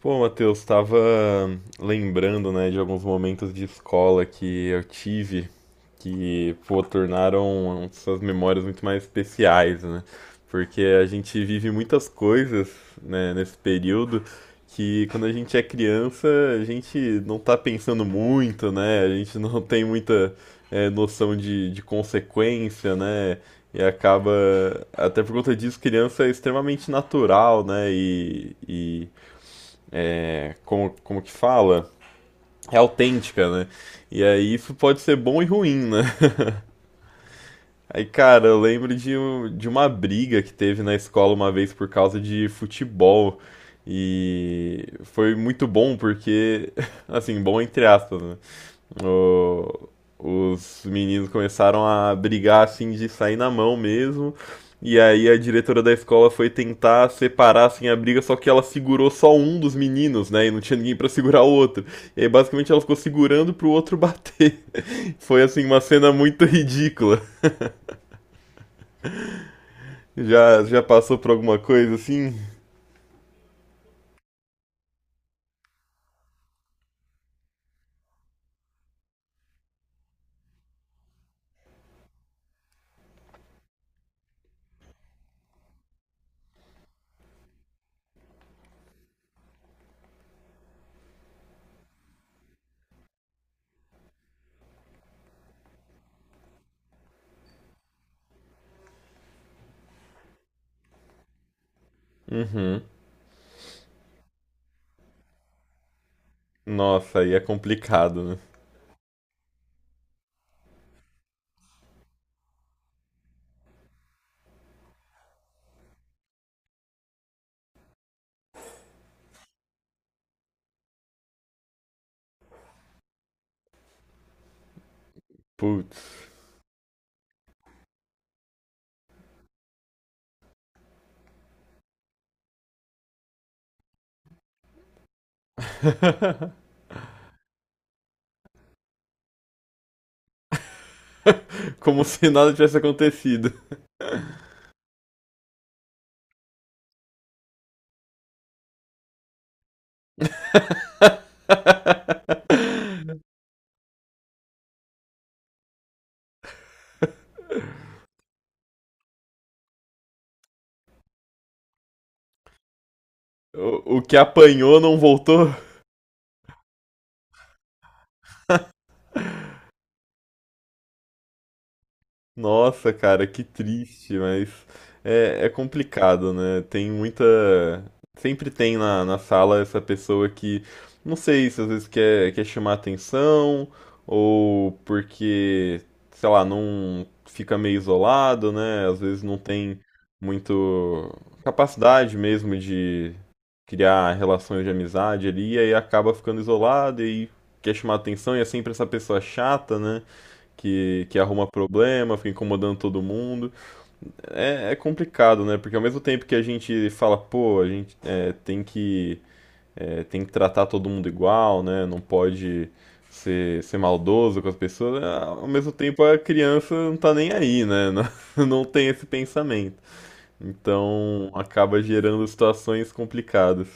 Pô, Matheus, estava lembrando, né, de alguns momentos de escola que eu tive que, pô, tornaram essas memórias muito mais especiais, né? Porque a gente vive muitas coisas, né, nesse período que quando a gente é criança, a gente não tá pensando muito, né? A gente não tem muita, noção de consequência, né? E acaba, até por conta disso, criança é extremamente natural, né? E é, como, como que fala? É autêntica, né? E aí isso pode ser bom e ruim, né? Aí, cara, eu lembro de uma briga que teve na escola uma vez por causa de futebol. E foi muito bom porque, assim, bom entre aspas, né? O- os meninos começaram a brigar assim de sair na mão mesmo. E aí a diretora da escola foi tentar separar assim a briga, só que ela segurou só um dos meninos, né? E não tinha ninguém pra segurar o outro. E aí basicamente ela ficou segurando pro outro bater. Foi assim uma cena muito ridícula. Já já passou por alguma coisa assim? Nossa, aí é complicado, né? Putz. Como se nada tivesse acontecido. O que apanhou não voltou? Nossa, cara, que triste, mas é, é complicado, né? Tem muita. Sempre tem na sala essa pessoa que, não sei se às vezes quer chamar atenção, ou porque, sei lá, não fica meio isolado, né? Às vezes não tem muito capacidade mesmo de criar relações de amizade ali, e aí acaba ficando isolado e quer chamar atenção, e é sempre essa pessoa chata, né? Que arruma problema, fica incomodando todo mundo. É, é complicado, né? Porque ao mesmo tempo que a gente fala, pô, a gente tem que tem que tratar todo mundo igual, né? Não pode ser maldoso com as pessoas. Ao mesmo tempo a criança não tá nem aí, né? Não, não tem esse pensamento. Então acaba gerando situações complicadas.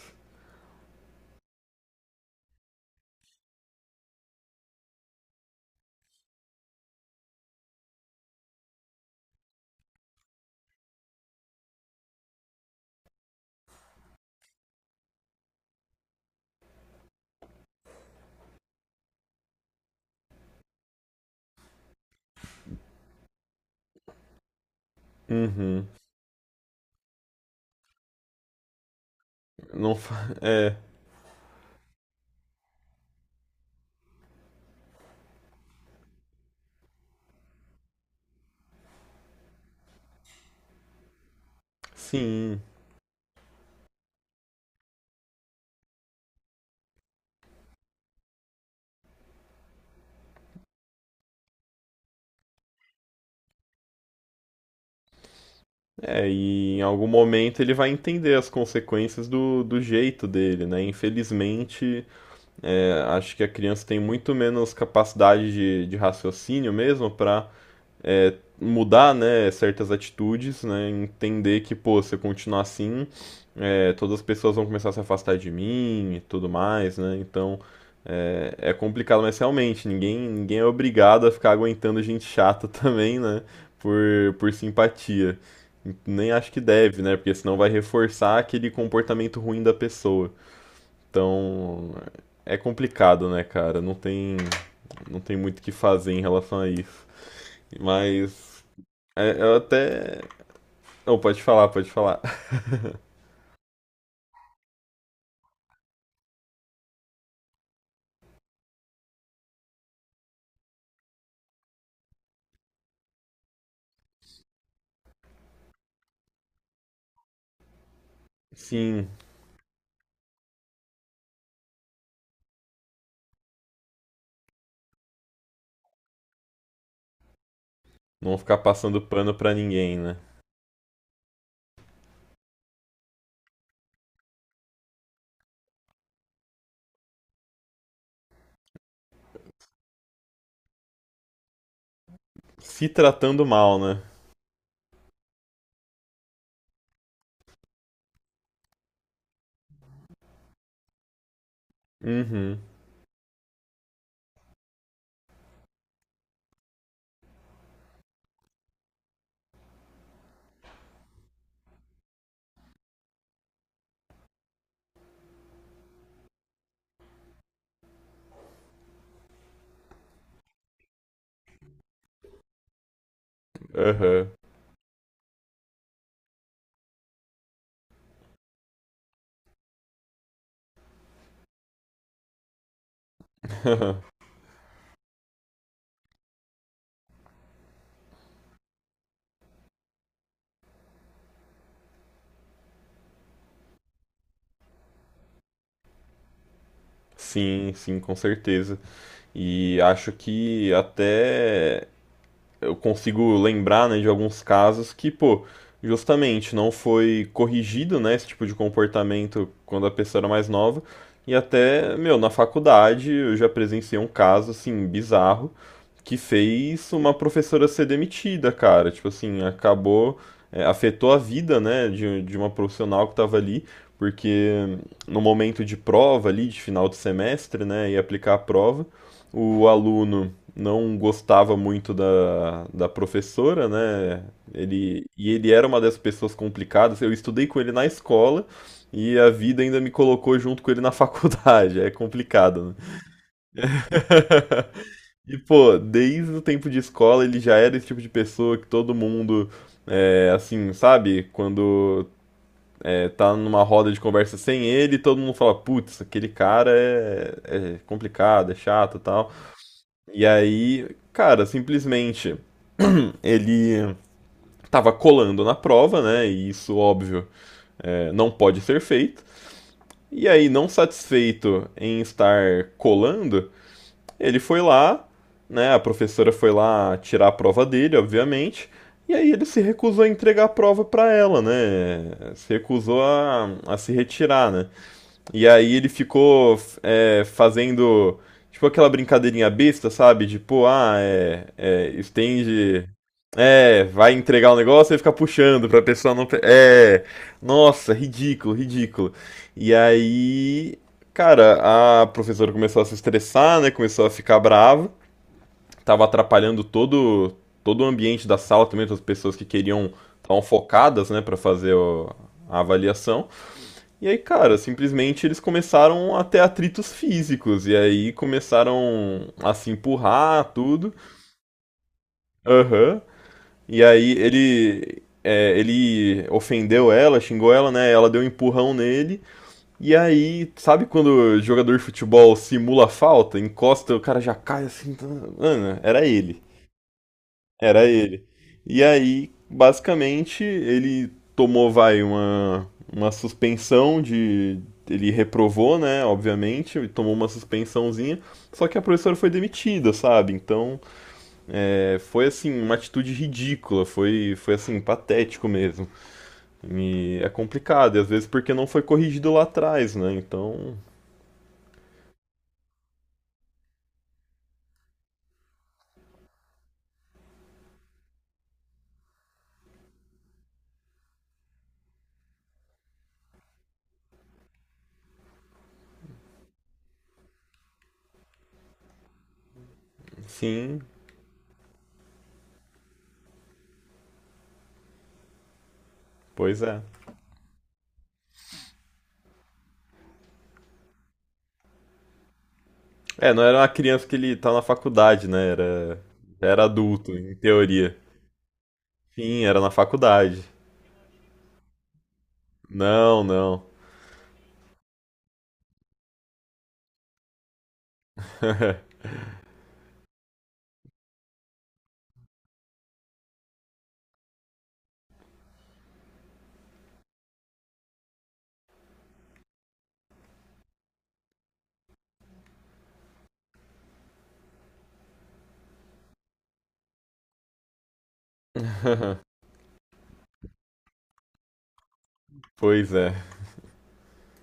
Uhum. Não, é, sim. É, e em algum momento ele vai entender as consequências do, do jeito dele, né? Infelizmente, acho que a criança tem muito menos capacidade de raciocínio mesmo para mudar, né, certas atitudes, né, entender que, pô, se eu continuar assim, é, todas as pessoas vão começar a se afastar de mim e tudo mais, né, então é, é complicado, mas realmente, ninguém é obrigado a ficar aguentando gente chata também, né, por simpatia. Nem acho que deve, né, porque senão vai reforçar aquele comportamento ruim da pessoa. Então, é complicado, né, cara, não tem muito o que fazer em relação a isso. Mas é, eu até. Não, pode falar, pode falar. Sim, não ficar passando pano pra ninguém, né? Se tratando mal, né? Uhum, aham. Sim, sim, com certeza. E acho que até eu consigo lembrar, né, de alguns casos que, pô, justamente não foi corrigido, né, esse tipo de comportamento quando a pessoa era mais nova. E até, meu, na faculdade eu já presenciei um caso, assim, bizarro, que fez uma professora ser demitida, cara. Tipo assim, acabou, é, afetou a vida, né, de uma profissional que estava ali, porque no momento de prova ali, de final de semestre, né, ia aplicar a prova, o aluno não gostava muito da professora, né? E ele era uma dessas pessoas complicadas. Eu estudei com ele na escola e a vida ainda me colocou junto com ele na faculdade. É complicado, né? E, pô, desde o tempo de escola ele já era esse tipo de pessoa que todo mundo. É, assim, sabe? Quando é, tá numa roda de conversa sem ele, todo mundo fala, putz, aquele cara é complicado, é chato e tal. E aí, cara, simplesmente ele estava colando na prova, né? E isso, óbvio, é, não pode ser feito. E aí, não satisfeito em estar colando, ele foi lá, né? A professora foi lá tirar a prova dele, obviamente. E aí ele se recusou a entregar a prova para ela, né? Se recusou a se retirar, né? E aí ele ficou é, fazendo tipo aquela brincadeirinha besta, sabe? Tipo, ah, estende. É, vai entregar o negócio e fica puxando pra pessoa não. É. Nossa, ridículo, ridículo. E aí, cara, a professora começou a se estressar, né? Começou a ficar brava. Tava atrapalhando todo o ambiente da sala também, todas as pessoas que queriam estavam focadas, né, pra fazer a avaliação. E aí, cara, simplesmente eles começaram a ter atritos físicos. E aí começaram a se empurrar, tudo. Aham. E aí ele. É, ele ofendeu ela, xingou ela, né? Ela deu um empurrão nele. E aí, sabe quando o jogador de futebol simula falta, encosta, o cara já cai assim. Mano, era ele. Era ele. E aí, basicamente, ele tomou, vai, uma suspensão de. Ele reprovou, né? Obviamente, e tomou uma suspensãozinha. Só que a professora foi demitida, sabe? Então, é, foi assim, uma atitude ridícula. Foi, foi assim, patético mesmo. E é complicado, e às vezes porque não foi corrigido lá atrás, né? Então, sim, pois é. É, não era uma criança que ele tá na faculdade, né? Era, era adulto, em teoria. Sim, era na faculdade. Não, não. Pois é.